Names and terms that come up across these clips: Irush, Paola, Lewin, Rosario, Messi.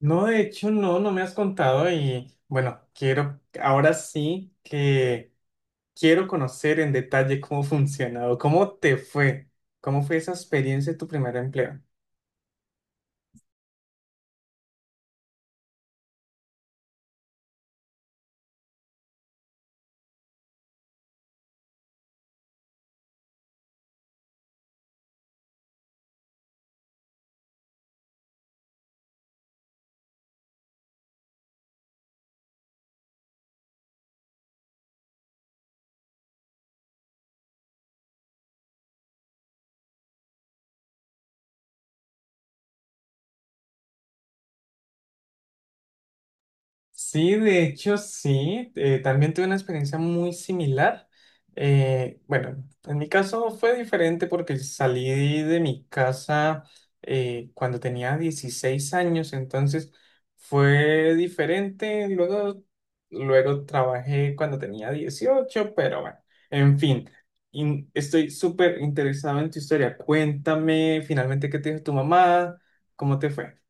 No, de hecho, no me has contado y bueno, ahora sí que quiero conocer en detalle cómo funcionó, cómo te fue, cómo fue esa experiencia de tu primer empleo. Sí, de hecho sí, también tuve una experiencia muy similar. Bueno, en mi caso fue diferente porque salí de mi casa cuando tenía 16 años, entonces fue diferente. Luego trabajé cuando tenía 18, pero bueno, en fin, estoy súper interesado en tu historia. Cuéntame finalmente qué te dijo tu mamá, cómo te fue.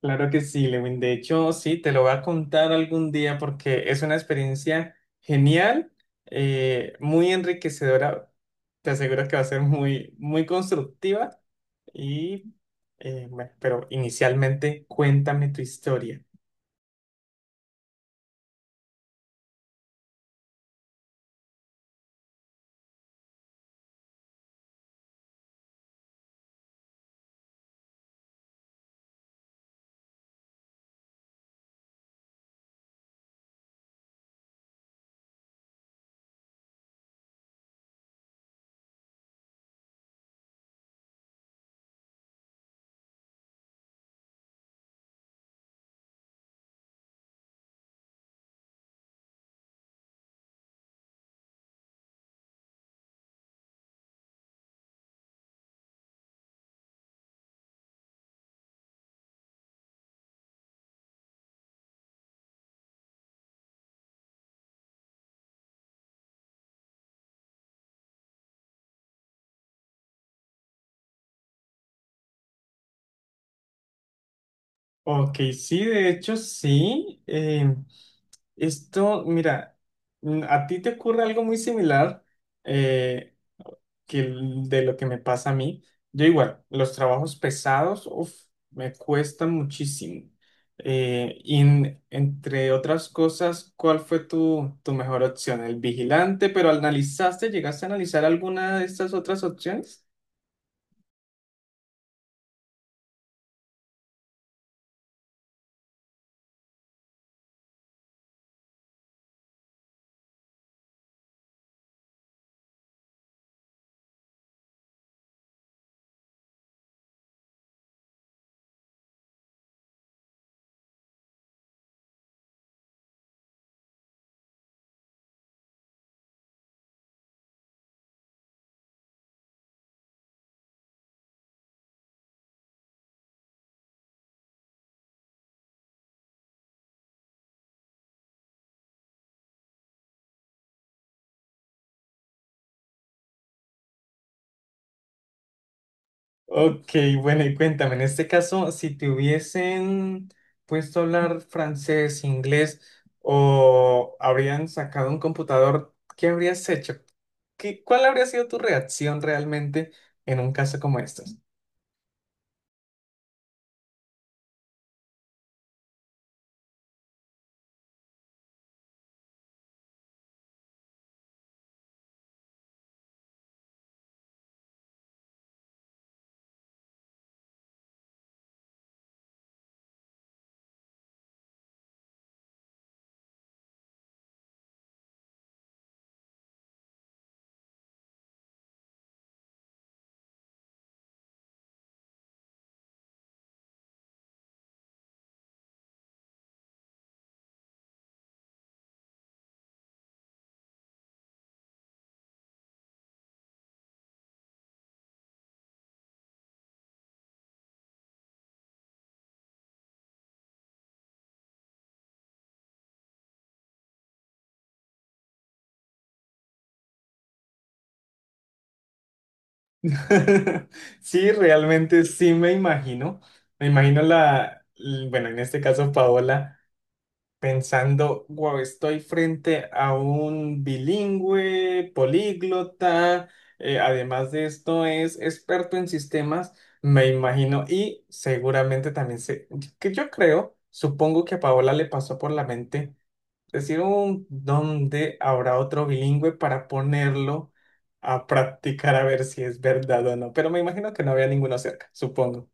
Claro que sí, Lewin. De hecho, sí, te lo voy a contar algún día porque es una experiencia genial, muy enriquecedora. Te aseguro que va a ser muy, muy constructiva y, bueno, pero inicialmente cuéntame tu historia. Ok, sí, de hecho, sí. Esto, mira, mm, a ti te ocurre algo muy similar. eh, de lo que me pasa a mí. Yo igual, los trabajos pesados, uf, me cuestan muchísimo. Y entre otras cosas, ¿cuál fue tu, tu mejor opción? ¿El vigilante? ¿Pero analizaste, llegaste a analizar alguna de estas otras opciones? Ok, bueno, y cuéntame, en este caso, si te hubiesen puesto a hablar francés, inglés o habrían sacado un computador, ¿qué habrías hecho? Cuál habría sido tu reacción realmente en un caso como este? Sí, realmente sí me imagino. Me imagino bueno, en este caso Paola, pensando, wow, estoy frente a un bilingüe, políglota, además de esto es experto en sistemas, me imagino, y seguramente también sé, que yo creo, supongo que a Paola le pasó por la mente decir, un ¿dónde habrá otro bilingüe para ponerlo a practicar a ver si es verdad o no? Pero me imagino que no había ninguno cerca, supongo.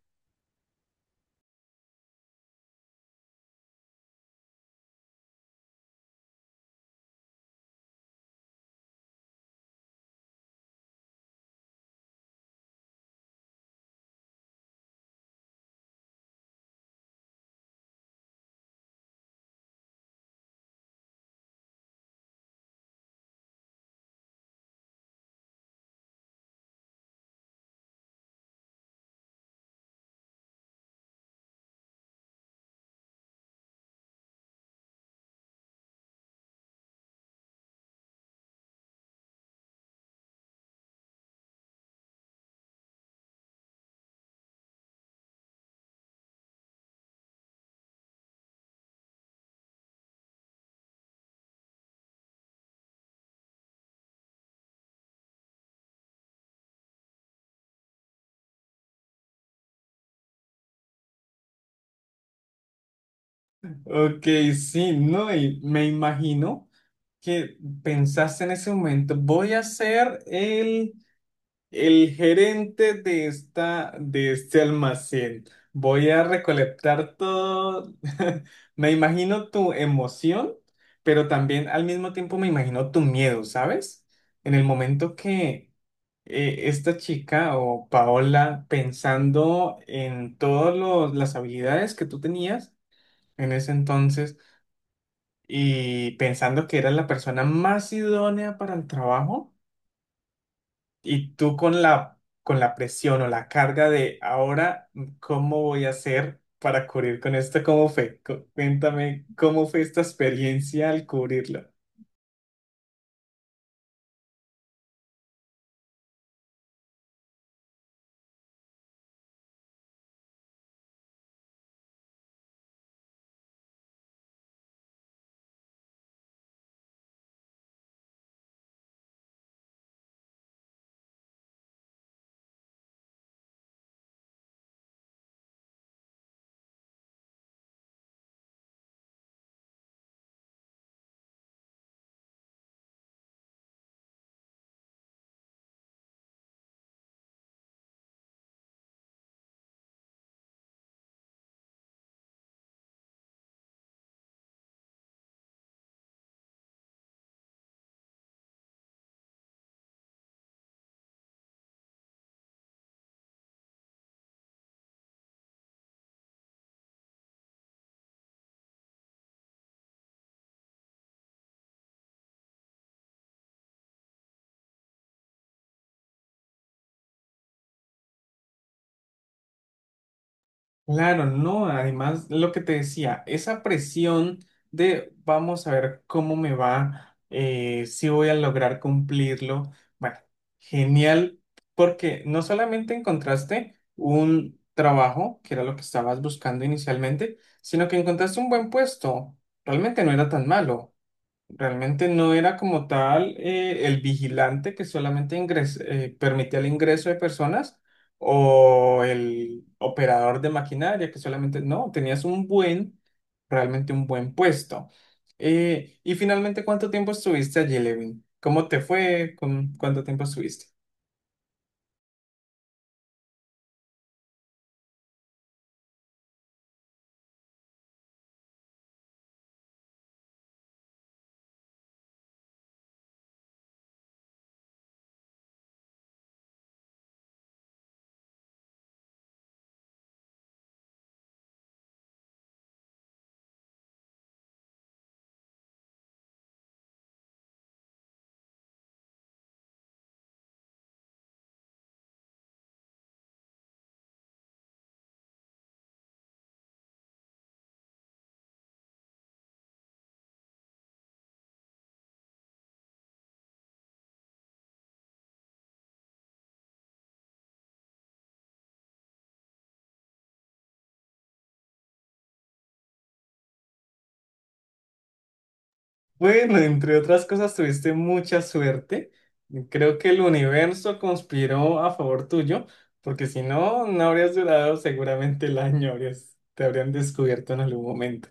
Ok, sí, no, y me imagino que pensaste en ese momento, voy a ser el gerente de de este almacén, voy a recolectar todo. Me imagino tu emoción, pero también al mismo tiempo me imagino tu miedo, ¿sabes? En el momento que esta chica o Paola, pensando en todas las habilidades que tú tenías en ese entonces, y pensando que eras la persona más idónea para el trabajo y tú con la presión o la carga de ahora, ¿cómo voy a hacer para cubrir con esto? ¿Cómo fue? Cuéntame, ¿cómo fue esta experiencia al cubrirlo? Claro, no, además lo que te decía, esa presión de vamos a ver cómo me va, si voy a lograr cumplirlo. Bueno, genial, porque no solamente encontraste un trabajo, que era lo que estabas buscando inicialmente, sino que encontraste un buen puesto. Realmente no era tan malo. Realmente no era como tal el vigilante que solamente permitía el ingreso de personas o el operador de maquinaria que solamente, no, tenías un buen, realmente un buen puesto. Y finalmente, ¿cuánto tiempo estuviste allí, Levin? ¿Cómo te fue? ¿Con cuánto tiempo estuviste? Bueno, entre otras cosas, tuviste mucha suerte. Creo que el universo conspiró a favor tuyo, porque si no, no habrías durado seguramente el año, te habrían descubierto en algún momento.